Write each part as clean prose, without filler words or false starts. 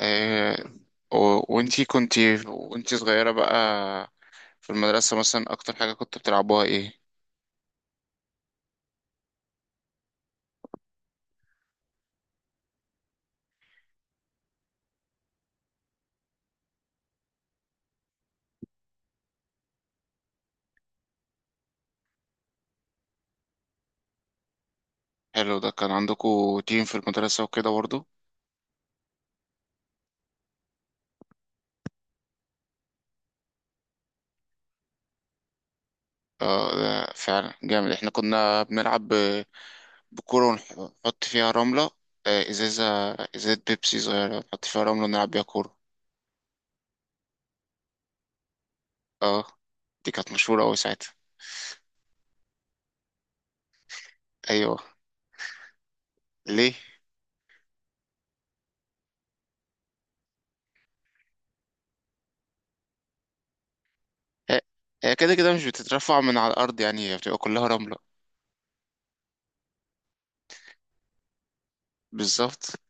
آه، وانتي كنتي وانتي صغيرة بقى في المدرسة مثلا أكتر حاجة كنت بتلعبوها إيه؟ حلو، ده كان عندكوا تيم في المدرسة وكده برضه؟ اه ده فعلا جامد. احنا كنا بنلعب بكورة ونحط فيها رملة. إزازة، إزازة بيبسي صغيرة نحط فيها رملة ونلعب بيها كورة. اه، دي كانت مشهورة أوي ساعتها. أيوه. ليه؟ هي هي كده كده مش بتترفع من على الأرض، يعني هي بتبقى كلها رملة. بالظبط.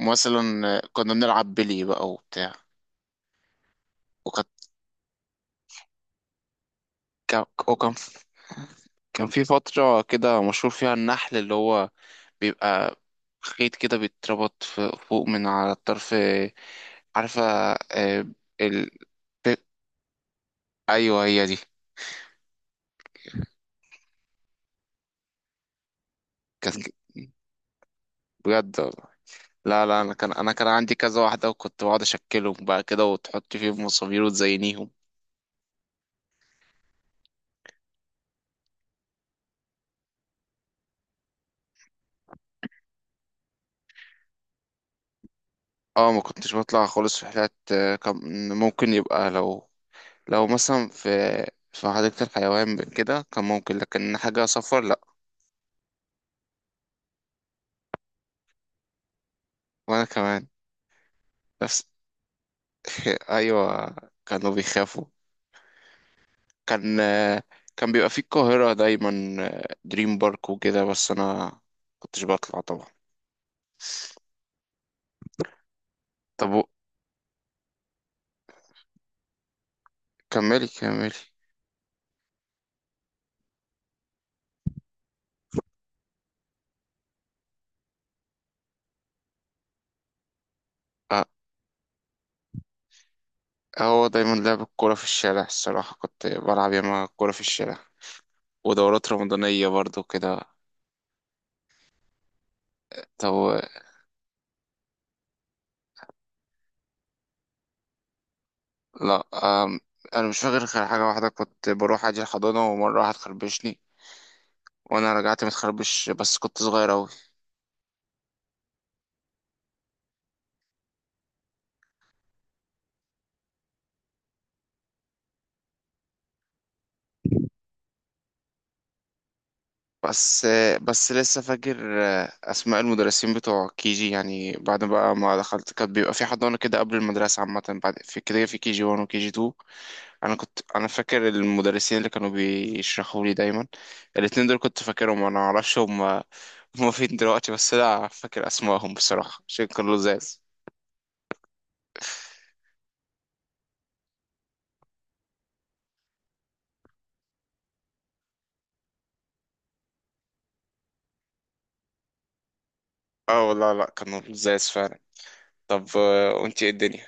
مثلا كنا بنلعب بلي بقى وبتاع. كان وكان ف- كان في فترة كده مشهور فيها النحل، اللي هو بيبقى خيط كده بيتربط فوق من على الطرف. عارفة. آه، ال... ت- أيوه هي دي. كانت بجد والله. لا، أنا كان عندي كذا واحدة، وكنت بقعد أشكلهم بقى كده وتحط فيهم مصابير وتزينيهم. اه، ما كنتش بطلع خالص في حاجات. كان ممكن يبقى لو مثلا في حديقة الحيوان كده كان ممكن، لكن حاجة سفر لأ. وأنا كمان. بس. ايوه، كانوا بيخافوا. كان كان بيبقى في القاهرة دايما دريم بارك وكده، بس انا كنتش بطلع طبعا. طب و- كملي، كملي. أه، هو دايما لعب الكورة في الشارع الصراحة، كنت بلعب ياما كورة في الشارع ودورات رمضانية برضو كده. طب و- لا. أم، أنا مش فاكر غير حاجة واحدة، كنت بروح أجي الحضانة ومرة واحد خربشني وأنا رجعت متخربش، بس كنت صغير أوي. بس. بس لسه فاكر اسماء المدرسين بتوع كي جي، يعني بعد بقى ما دخلت كان بيبقى في حضانه كده قبل المدرسه عامه، بعد في كده في كي جي 1 وكي جي 2. انا كنت فاكر المدرسين اللي كانوا بيشرحوا لي دايما الاتنين دول، كنت فاكرهم. انا معرفش هم فين دلوقتي، بس لا فاكر اسمائهم بصراحه عشان كانوا لزاز. اه والله، لا كانوا لزاز فعلا. طب وانتي ايه الدنيا؟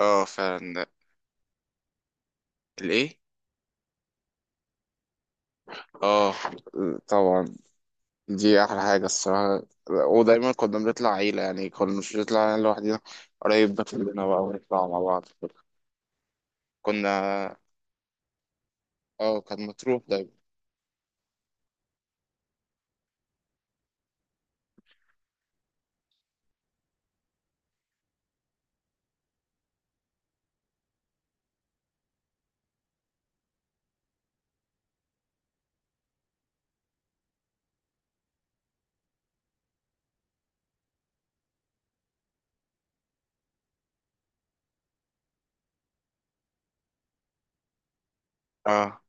اه فعلا. الايه؟ اه، طبعا، دي احلى حاجه الصراحه. ودايما كنا بنطلع عيله، يعني كنا مش بنطلع يعني لوحدنا، قريب ده كلنا بقى ونطلع مع بعض. كنا، اه، كان مطروح دايما. اه،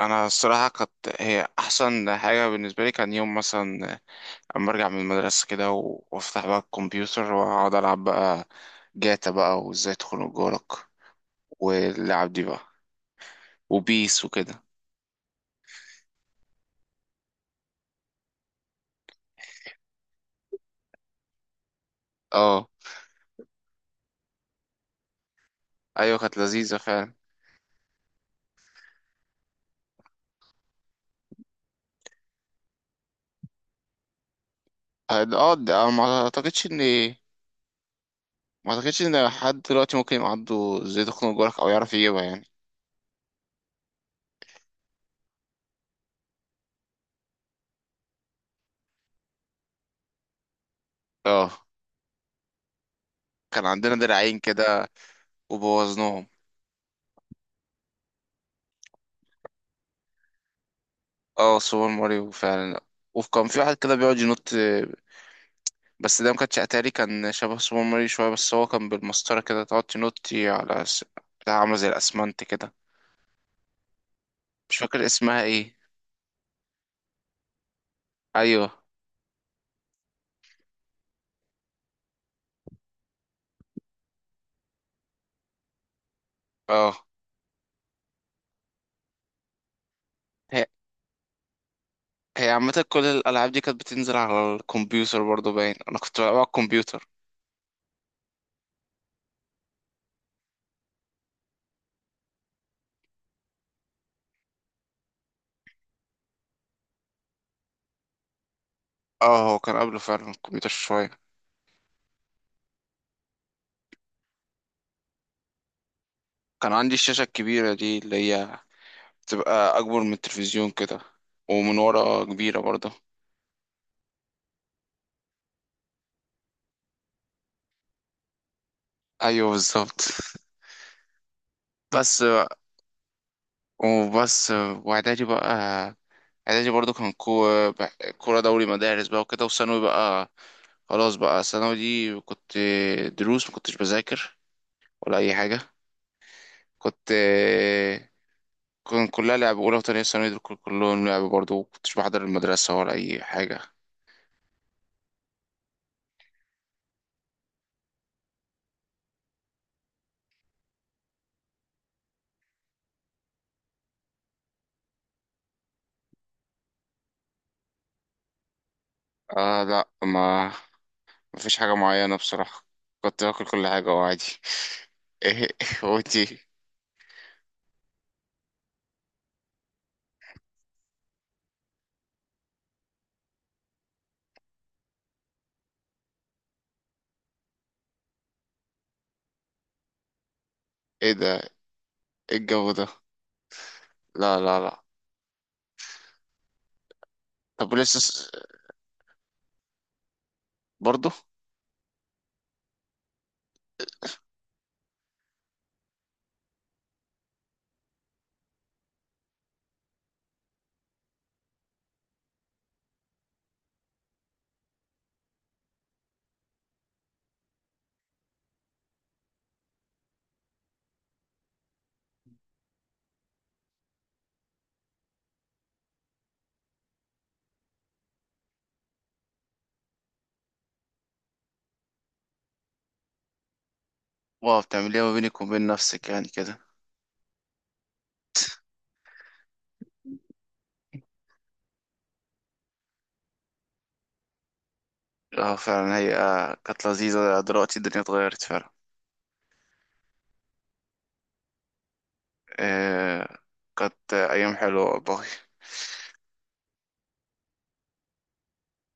انا الصراحه كانت، هي احسن حاجه بالنسبه لي كان يوم مثلا اما ارجع من المدرسه كده وافتح بقى الكمبيوتر واقعد العب بقى جاتا بقى وازاي تخنق جارك، واللعب دي بقى، وبيس وكده. اه. ايوه كانت لذيذه فعلا. اه، ما اعتقدش ما اعتقدش ان حد دلوقتي ممكن يعضه ازاي تخنق جارك، او يعرف يجيبها يعني. اه، كان عندنا دراعين كده وبوظناهم. اه، سوبر ماريو فعلا. وكان في واحد كده بيقعد ينط، بس ده ما كانش اتاري، كان شبه سوبر ماريو شويه، بس هو كان بالمسطره كده تقعد تنطي على بتاع عامله زي الاسمنت كده. مش فاكر اسمها ايه. ايوه. اه. هي هي عامة كل الألعاب دي كانت بتنزل على الكمبيوتر برضه، باين أنا كنت بلعب على الكمبيوتر. اه، هو كان قبله فعلا الكمبيوتر شوية. كان عندي الشاشة الكبيرة دي اللي هي تبقى أكبر من التلفزيون كده، ومن ورا كبيرة برضه. أيوه بالظبط. بس. وبس. وإعدادي بقى، إعدادي برضه كان كورة دوري مدارس بقى وكده. وثانوي بقى، خلاص بقى ثانوي دي كنت دروس ما كنتش بذاكر ولا أي حاجة. كنت كان كلها لعب. أولى وتانية ثانوي دول كلهم لعب برضه، ما كنتش بحضر المدرسة ولا أي حاجة. آه لا ما، مفيش حاجة معينة بصراحة، كنت باكل كل حاجة وعادي. ايه؟ وانتي ايه؟ إيه ده؟ ايه الجو ده؟ لا، لا، لا. طب لسه س- برضه. واو، بتعمل ايه ما بينك وبين نفسك يعني كده؟ اه فعلا، هي كانت لذيذة. دلوقتي الدنيا اتغيرت فعلا. إيه. كانت أيام حلوة والله.